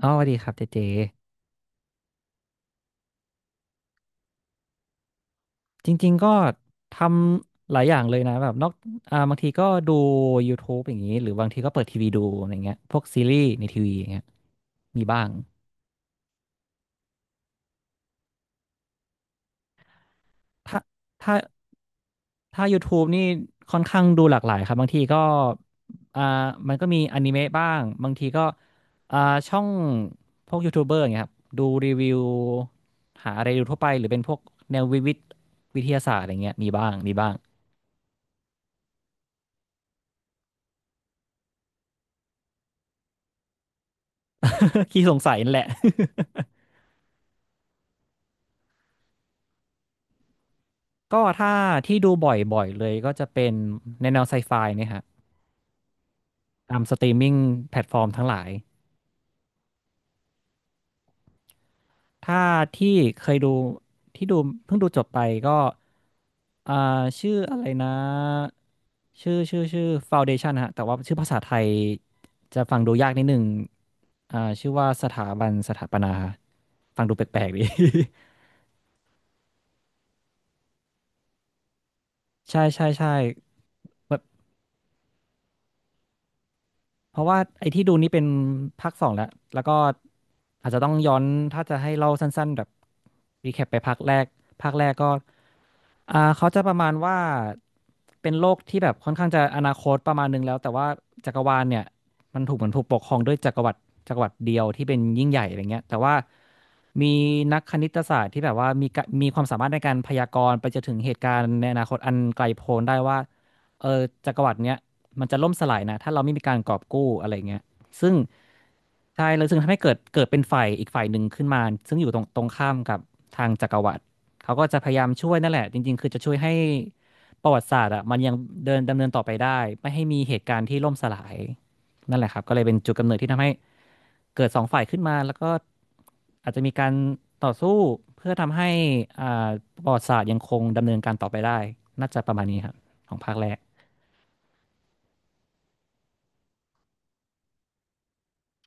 อ๋อสวัสดีครับเจเจจริงๆ ก็ทำหลายอย่างเลยนะแบบนอกบางทีก็ดู YouTube อย่างนี้หรือบางทีก็เปิดทีวีดูอะไรเงี้ยพวกซีรีส์ในทีวีอย่างเงี้ยมีบ้างถ้าถ้าถ้า YouTube นี่ค่อนข้างดูหลากหลายครับบางทีก็อ่ามันก็มีอนิเมะบ้างบางทีก็อ่าช่องพวกยูทูบเบอร์อย่างเงี้ยครับดูรีวิวหาอะไรดูทั่วไปหรือเป็นพวกแนววิทยาศาสตร์อะไรเงี้ยมีบ้างมีบ้าง ขี้สงสัยนั่นแหละ ก็ถ้าที่ดูบ่อยๆเลยก็จะเป็นในแนวไซไฟเนี่ยฮะตามสตรีมมิ่งแพลตฟอร์มทั้งหลายถ้าที่เคยดูที่ดูเพิ่งดูจบไปก็อ่าชื่ออะไรนะชื่อ Foundation ฮะแต่ว่าชื่อภาษาไทยจะฟังดูยากนิดนึงชื่อว่าสถาบันสถาปนาฟังดูแปลกๆดี ใช่ใช่ใช่ เพราะว่าไอ้ที่ดูนี่เป็นภาคสองแล้วแล้วก็อาจจะต้องย้อนถ้าจะให้เล่าสั้นๆแบบรีแคปไปภาคแรกภาคแรกก็เขาจะประมาณว่าเป็นโลกที่แบบค่อนข้างจะอนาคตประมาณนึงแล้วแต่ว่าจักรวาลเนี่ยมันถูกเหมือนถูกปกครองด้วยจักรวรรดิเดียวที่เป็นยิ่งใหญ่อะไรเงี้ยแต่ว่ามีนักคณิตศาสตร์ที่แบบว่ามีกะมีความสามารถในการพยากรณ์ไปจนถึงเหตุการณ์ในอนาคตอันไกลโพ้นได้ว่าเออจักรวรรดิเนี้ย มันจะล่มสลายนะถ้าเราไม่มีการกอบกู้อะไรเงี้ยซึ่งใช่เลยซึ่งทำให้เกิดเป็นฝ่ายอีกฝ่ายหนึ่งขึ้นมาซึ่งอยู่ตรงข้ามกับทางจักรวรรดิเขาก็จะพยายามช่วยนั่นแหละจริงๆคือจะช่วยให้ประวัติศาสตร์อ่ะมันยังเดินดำเนินต่อไปได้ไม่ให้มีเหตุการณ์ที่ล่มสลายนั่นแหละครับก็เลยเป็นจุดกำเนิดที่ทำให้เกิดสองฝ่ายขึ้นมาแล้วก็อาจจะมีการต่อสู้เพื่อทำให้อ่าประวัติศาสตร์ยังคงดำเนินการต่อไปได้น่าจะประมาณนี้ครับของภาคแรก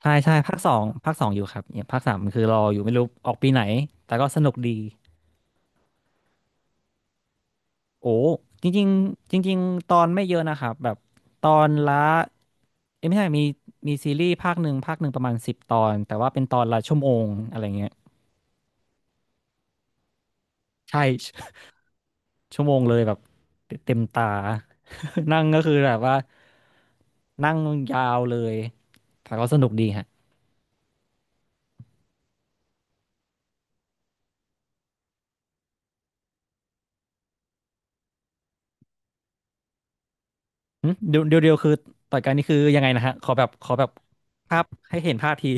ใช่ใช่ภาคสองภาคสองอยู่ครับเนี่ยภาคสามคือรออยู่ไม่รู้ออกปีไหนแต่ก็สนุกดีโอ้จริงๆจริงๆตอนไม่เยอะนะครับแบบตอนละเอ้ยไม่ใช่มีซีรีส์ภาคหนึ่งภาคหนึ่งประมาณ10 ตอนแต่ว่าเป็นตอนละชั่วโมงอะไรเงี้ยใช่ ชั่วโมงเลยแบบเต็มตา นั่งก็คือแบบว่านั่งยาวเลยแต่ก็สนุกดีฮะหึเดี๋ยวเดี๋ยวเดี๋ยวคือต่อยกันนี่คือยังไงนะฮะขอแบบภาพให้เห็นภาพที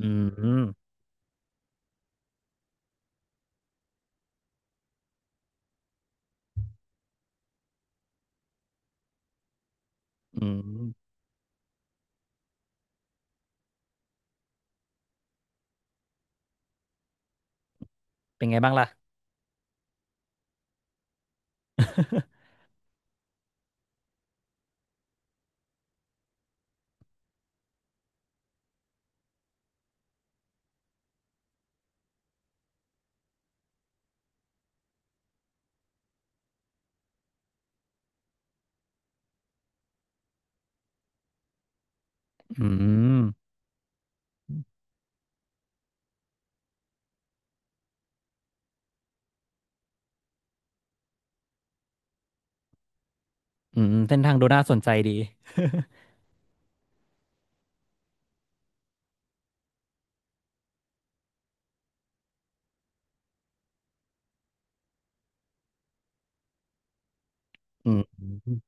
อืมอืมเป็นไงบ้างล่ะ อืมอืมเส้นทางดูน่าสนใจดีอืม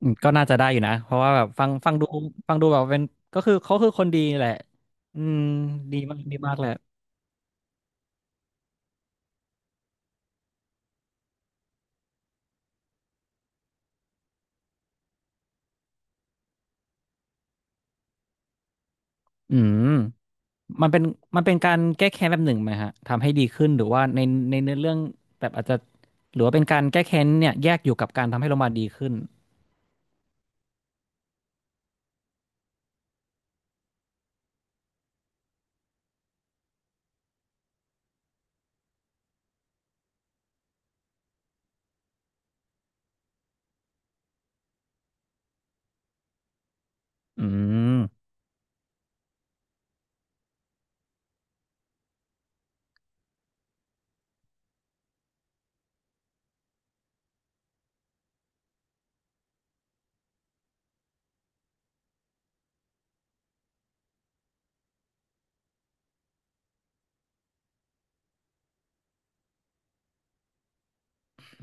อืมก็น่าจะได้อยู่นะเพราะว่าแบบฟังดูฟังดูแบบเป็นก็คือเขาคือคนดีแหละอืมดีมากดีมากแหละอืมมันเป็นมันเป็นการแก้แค้นแบบหนึ่งไหมฮะทำให้ดีขึ้นหรือว่าในในเนื้อเรื่องแบบอาจจะหรือว่าเป็นการแก้แค้นเนี่ยแยกอยู่กับการทำให้เรามาดีขึ้นอืม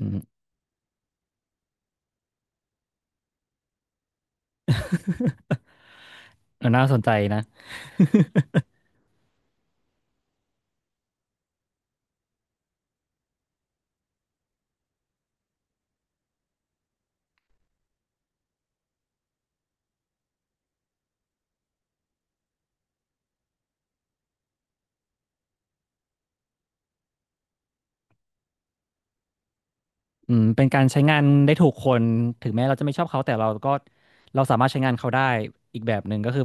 อืมเออน่าสนใจนะ อืมเป็นการใช้งานได้ถูกคนถึงแม้เราจะไม่ชอบเขาแต่เราก็เราสามารถใช้งานเขาได้อีกแบบหนึ่งก็คือ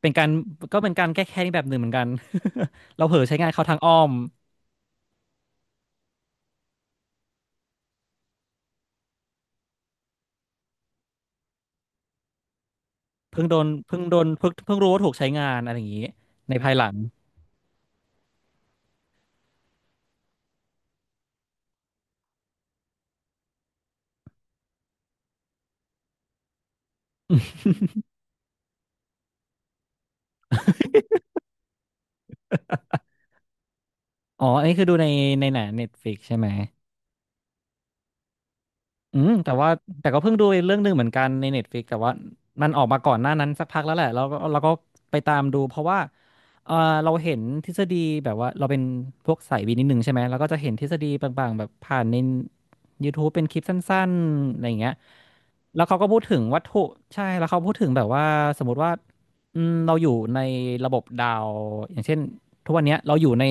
เป็นการก็เป็นการแก้แค้นอีกแบบหนึ่งเหมือนกัน เราเผลอใช้งานเขาทางอ้อมเพิ่งโดนเพิ่งรู้ว่าถูกใช้งานอะไรอย่างนี้ในภายหลังอ๋ออันนี้คือดูในในหนังเน็ตฟลิกใช่ไหม อืมแต่ว่าแต่ก็เพิ่งดูเรื่องหนึ่งเหมือนกันใน Netflix แต่ว่ามันออกมาก่อนหน้านั้นสักพักแล้วแหละแล้วก็เราก็ไปตามดูเพราะว่าเออเราเห็นทฤษฎีแบบว่าเราเป็นพวกสายวินนิดนึงใช่ไหมเราก็จะเห็นทฤษฎีบางๆแบบผ่านใน YouTube เป็นคลิปสั้นๆอะไรอย่างเงี้ยแล้วเขาก็พูดถึงวัตถุใช่แล้วเขาพูดถึงแบบว่าสมมติว่าอืมเราอยู่ในระบบดาวอย่างเช่น ทุกวันเนี้ยเราอยู่ใน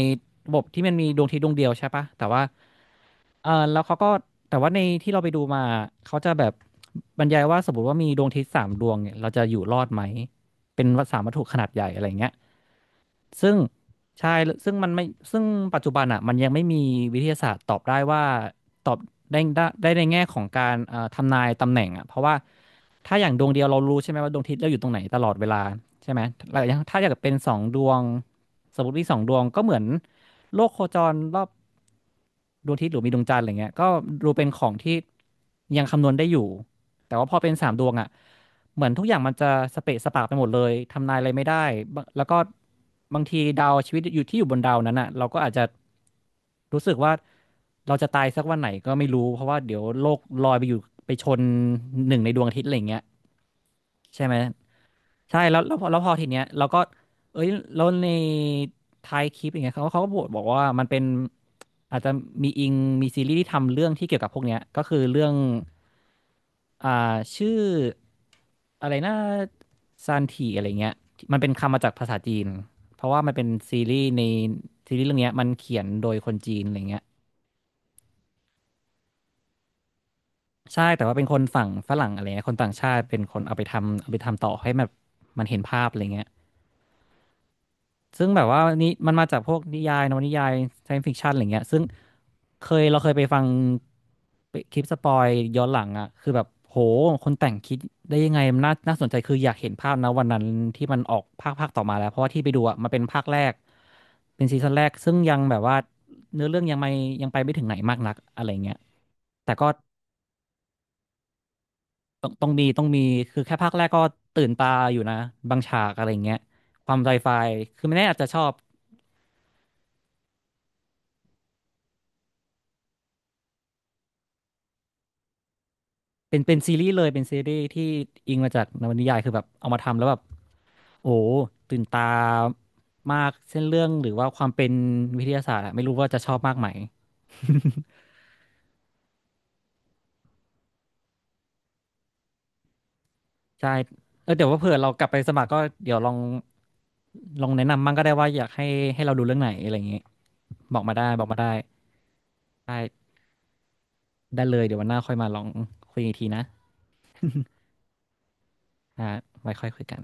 ระบบที่มันมีดวงอาทิตย์ดวงเดียวใช่ปะ แต่ว่าเออแล้วเขาก็แต่ว่าในที่เราไปดูมาเขาจะแบบบรรยายว่าสมมติว่ามีดวงอาทิตย์สามดวงเนี่ยเราจะอยู่รอดไหม เป็นสามวัตถุขนาดใหญ่อะไรเงี้ยซึ่งใช่ซึ่งมันไม่ซึ่งปัจจุบันอ่ะมันยังไม่มีวิทยาศาสตร์ตอบได้ว่าตอบได้ในแง่ของการทำนายตำแหน่งอ่ะเพราะว่า ถ้าอย่างดวงเดียวเรารู้ใช่ไหมว่าดวงอาทิตย์เราอยู่ตรงไหนตลอดเวลาใช่ไหมแล้วอย่างถ้าอยากเป็นสองดวงสมมติมีสองดวงก็เหมือนโลกโคจรรอบดวงอาทิตย์หรือมีดวงจันทร์อะไรเงี้ยก็ดูเป็นของที่ยังคำนวณได้อยู่ แต่ว่าพอเป็นสามดวงอ่ะ เหมือนทุกอย่างมันจะสเปะสปะไปหมดเลยทำนายอะไรไม่ได้บางแล้วก็บางทีดาวชีวิตอยู่ที่อยู่บนดาวนั้นอ่ะเราก็อาจจะรู้สึกว่าเราจะตายสักวันไหนก็ไม่รู้เพราะว่าเดี๋ยวโลกลอยไปอยู่ไปชนหนึ่งในดวงอาทิตย์อะไรอย่างเงี้ย ใช่ไหมใช่แล้วพอทีเนี้ยเราก็เอ้ยแล้วในท้ายคลิปอย่างเงี้ยเขาก็บอกว่ามันเป็นอาจจะมีอิงมีซีรีส์ที่ทำเรื่องที่เกี่ยวกับพวกเนี้ยก็คือเรื่องอ่าชื่ออะไรนะซานทีอะไรเงี้ยมันเป็นคำมาจากภาษาจีนเพราะว่ามันเป็นซีรีส์ในซีรีส์เรื่องเนี้ยมันเขียนโดยคนจีนอะไรเงี้ยใช่แต่ว่าเป็นคนฝั่งฝรั่งอะไรเงี้ยคนต่างชาติเป็นคนเอาไปทำเอาไปทำต่อให้มันมันเห็นภาพอะไรเงี้ย ซึ่งแบบว่านี่มันมาจากพวกนิยายนวนิยาย i e น c e ฟิ c ชันอะไรเงี้ยซึ่งเราเคยไปฟังไปคลิปสปอยย้อนหลังอ่ะคือแบบโหคนแต่งคิดได้ยังไงมันน่าสนใจคืออยากเห็นภาพนะวันนั้นที่มันออกภาคต่อมาแล้วเพราะว่าที่ไปดูอ่ะมันเป็นภาคแรกเป็นซีซั่นแรกซึ่งยังแบบว่าเนื้อเรื่องยังไม่ยังไปไม่ถึงไหนมากนักอะไรเงี้ยแต่ก็ต้องมีคือแค่ภาคแรกก็ตื่นตาอยู่นะบางฉากอะไรเงี้ยความไซไฟคือไม่แน่อาจจะชอบ เป็นซีรีส์เลยเป็นซีรีส์ที่อิงมาจากนวนิยายคือแบบเอามาทำแล้วแบบโอ้ตื่นตามากเส้นเรื่องหรือว่าความเป็นวิทยาศาสตร์อะไม่รู้ว่าจะชอบมากไหม ใช่เออเดี๋ยวว่าเผื่อเรากลับไปสมัครก็เดี๋ยวลองแนะนำมั่งก็ได้ว่าอยากให้เราดูเรื่องไหนอะไรอย่างเงี้ยบอกมาได้ได้เลยเดี๋ยววันหน้าค่อยมาลองคุยอีกทีนะอ่าไว้ค่อยคุยกัน